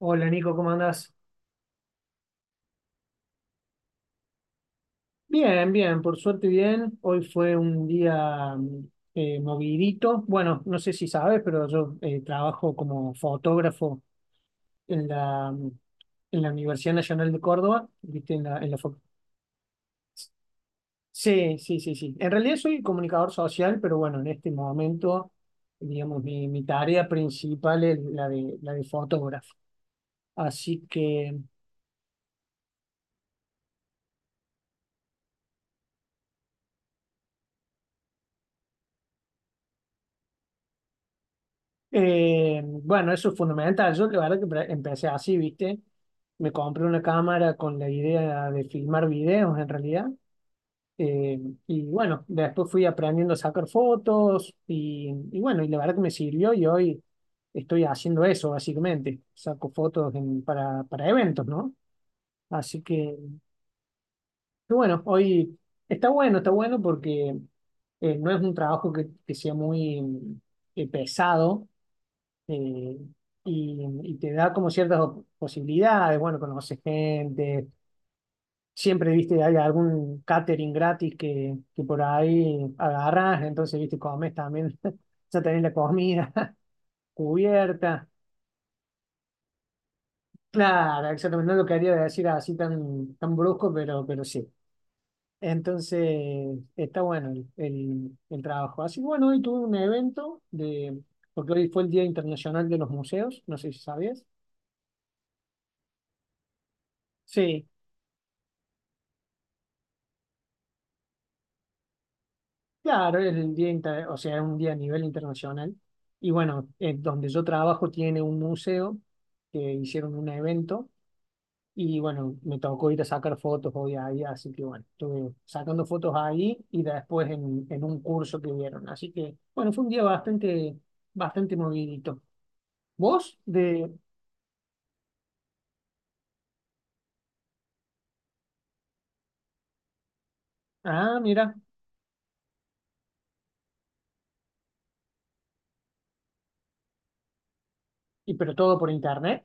Hola Nico, ¿cómo andás? Bien, bien, por suerte bien. Hoy fue un día movidito. Bueno, no sé si sabes, pero yo trabajo como fotógrafo en la Universidad Nacional de Córdoba, ¿viste? En la Sí, sí, sí, sí. En realidad soy comunicador social, pero bueno, en este momento, digamos, mi tarea principal es la de fotógrafo. Así que bueno, eso es fundamental. Yo la verdad que empecé así, ¿viste? Me compré una cámara con la idea de filmar videos en realidad. Eh, y bueno, después fui aprendiendo a sacar fotos y bueno, y la verdad que me sirvió y hoy estoy haciendo eso básicamente. Saco fotos para eventos, ¿no? Así que bueno, hoy está bueno porque no es un trabajo que sea muy pesado. Eh, y, y te da como ciertas posibilidades, bueno, conoces gente, siempre, viste, hay algún catering gratis que por ahí agarras, entonces, viste, comes también, ya tenés la comida cubierta. Claro, exactamente, no lo quería decir así tan brusco, pero sí. Entonces, está bueno el trabajo. Así que bueno, hoy tuve un evento de, porque hoy fue el Día Internacional de los Museos, no sé si sabías. Sí, claro, es el día, o sea, es un día a nivel internacional. Y bueno, donde yo trabajo tiene un museo que hicieron un evento y bueno, me tocó ir a sacar fotos hoy ahí, así que bueno, estuve sacando fotos ahí y después en un curso que dieron. Así que bueno, fue un día bastante, bastante movidito. ¿Vos? De... Ah, mira, y pero todo por internet.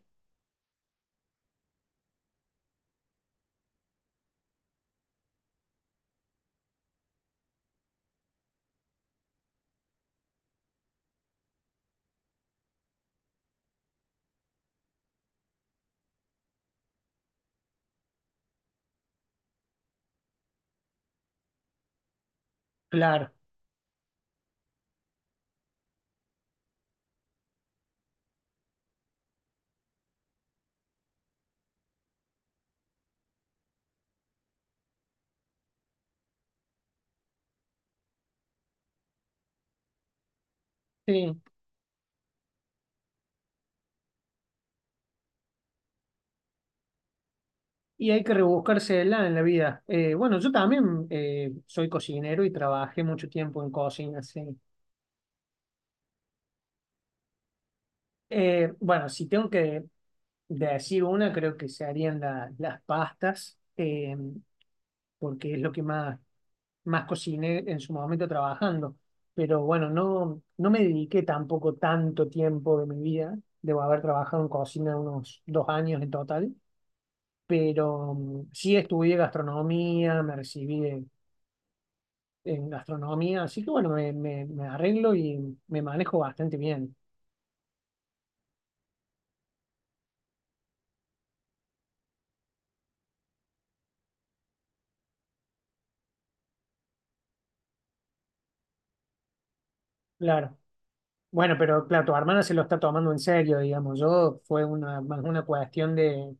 Claro, sí. Y hay que rebuscársela en la vida. Bueno, yo también soy cocinero y trabajé mucho tiempo en cocina, sí. Bueno, si tengo que decir una, creo que se harían las pastas, porque es lo que más, más cociné en su momento trabajando. Pero bueno, no, no me dediqué tampoco tanto tiempo de mi vida. Debo haber trabajado en cocina unos dos años en total. Pero sí estudié gastronomía, me recibí de en gastronomía, así que bueno, me arreglo y me manejo bastante bien, claro. Bueno, pero claro, tu hermana se lo está tomando en serio, digamos, yo fue una, más una cuestión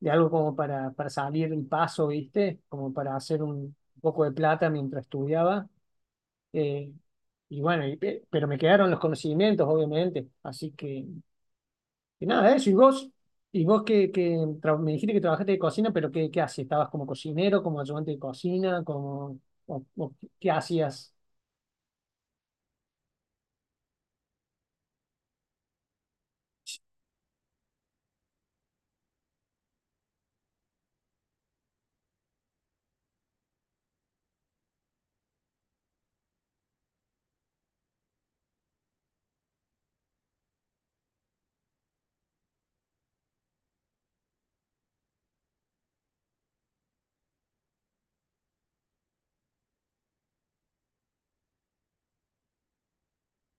de algo como para salir el paso, ¿viste? Como para hacer un poco de plata mientras estudiaba. eh, y bueno, y pero me quedaron los conocimientos, obviamente, así que y nada, eso. ¿Y vos? ¿Y vos me dijiste que trabajaste de cocina, pero qué, qué hacías? ¿Estabas como cocinero, como ayudante de cocina, como, o qué hacías?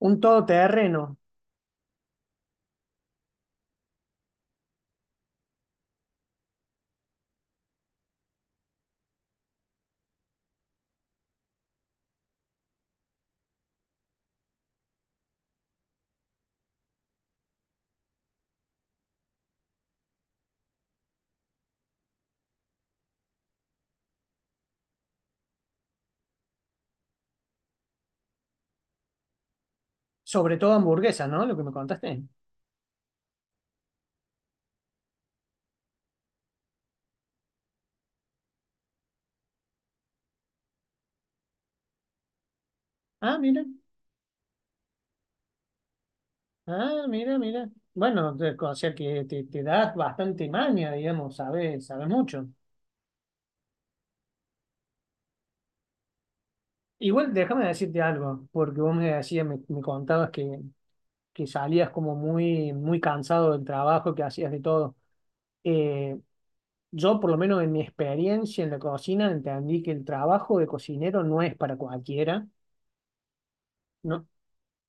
Un todoterreno, sobre todo hamburguesas, ¿no? Lo que me contaste. Ah, mira, ah, mira, mira. Bueno, o sea que te das bastante maña, digamos, sabes, sabes mucho. Igual déjame decirte algo, porque vos me decías, me contabas que salías como muy, muy cansado del trabajo, que hacías de todo. Eh, Yo, por lo menos en mi experiencia en la cocina, entendí que el trabajo de cocinero no es para cualquiera, ¿no?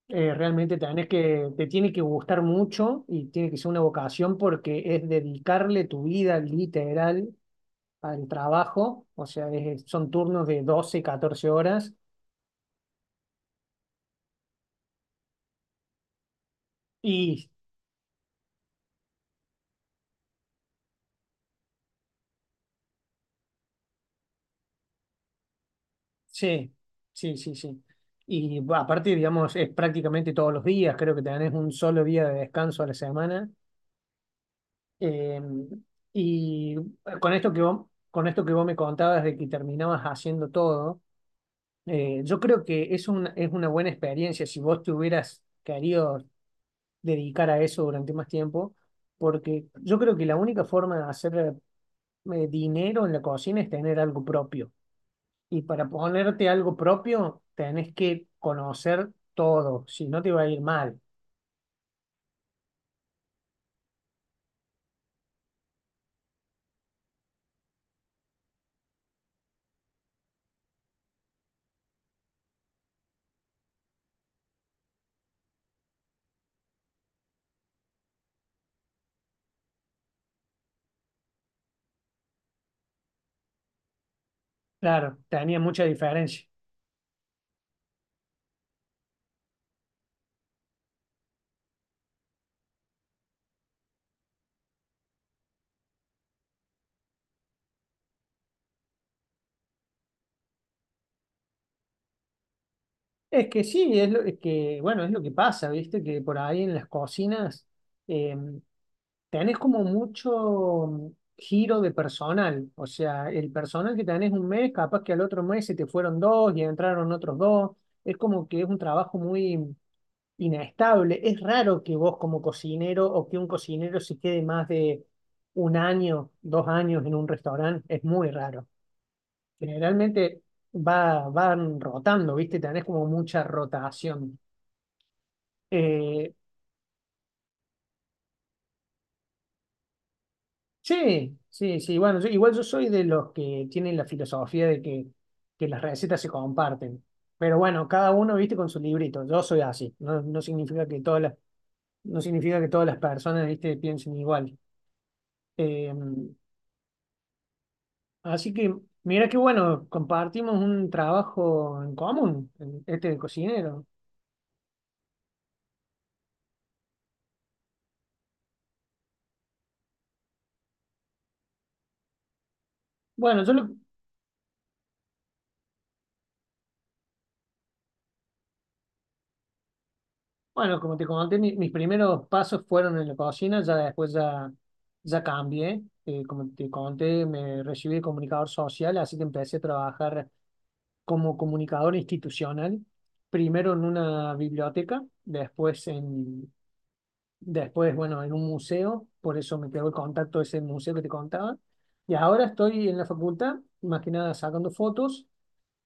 Realmente tenés que, te tiene que gustar mucho y tiene que ser una vocación porque es dedicarle tu vida literal al trabajo, o sea, es- son turnos de 12 14 horas y sí, sí, sí, sí. Y bah, aparte, digamos, es prácticamente todos los días, creo que tenés un solo día de descanso a la semana. Eh, con esto que vos, con esto que vos me contabas de que terminabas haciendo todo, yo creo que es una buena experiencia si vos te hubieras querido dedicar a eso durante más tiempo, porque yo creo que la única forma de hacer dinero en la cocina es tener algo propio. Y para ponerte algo propio, tenés que conocer todo, si no te va a ir mal. Claro, tenía mucha diferencia. Es que sí, es lo es que, bueno, es lo que pasa, ¿viste? Que por ahí en las cocinas eh, tenés como mucho giro de personal. O sea, el personal que tenés un mes, capaz que al otro mes se te fueron dos y entraron otros dos. Es como que es un trabajo muy inestable. Es raro que vos como cocinero o que un cocinero se quede más de un año, dos años en un restaurante. Es muy raro. Generalmente va, van rotando, ¿viste? Tenés como mucha rotación. Eh, sí, sí, sí. Bueno, igual yo soy de los que tienen la filosofía de que las recetas se comparten. Pero bueno, cada uno, viste, con su librito. Yo soy así. No, no significa que todas las, no significa que todas las personas, viste, piensen igual. Eh, así que, mira qué bueno, compartimos un trabajo en común, en este de cocinero. Bueno, bueno, como te comenté, mis primeros pasos fueron en la cocina, ya después ya, ya cambié. Como te conté, me recibí de comunicador social, así que empecé a trabajar como comunicador institucional, primero en una biblioteca, después en, después, bueno, en un museo, por eso me quedó el contacto de ese museo que te contaba. Y ahora estoy en la facultad, más que nada sacando fotos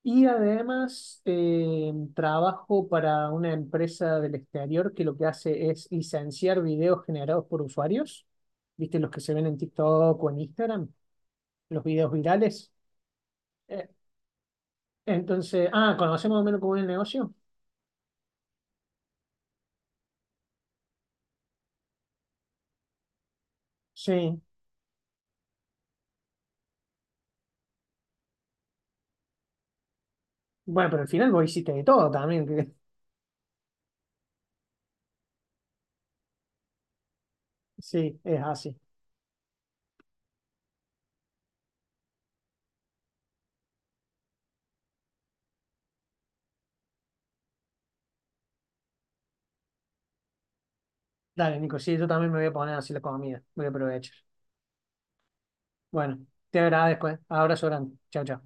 y además trabajo para una empresa del exterior que lo que hace es licenciar videos generados por usuarios, ¿viste? Los que se ven en TikTok o en Instagram, los videos virales. Eh, entonces, ah, ¿conocemos más o menos cómo es el negocio? Sí. Bueno, pero al final vos hiciste de todo también. Que- sí, es así. Dale, Nico, sí, yo también me voy a poner así la comida. Voy a aprovechar. Bueno, te agradezco, ¿eh? Abrazo grande. Chao, chao.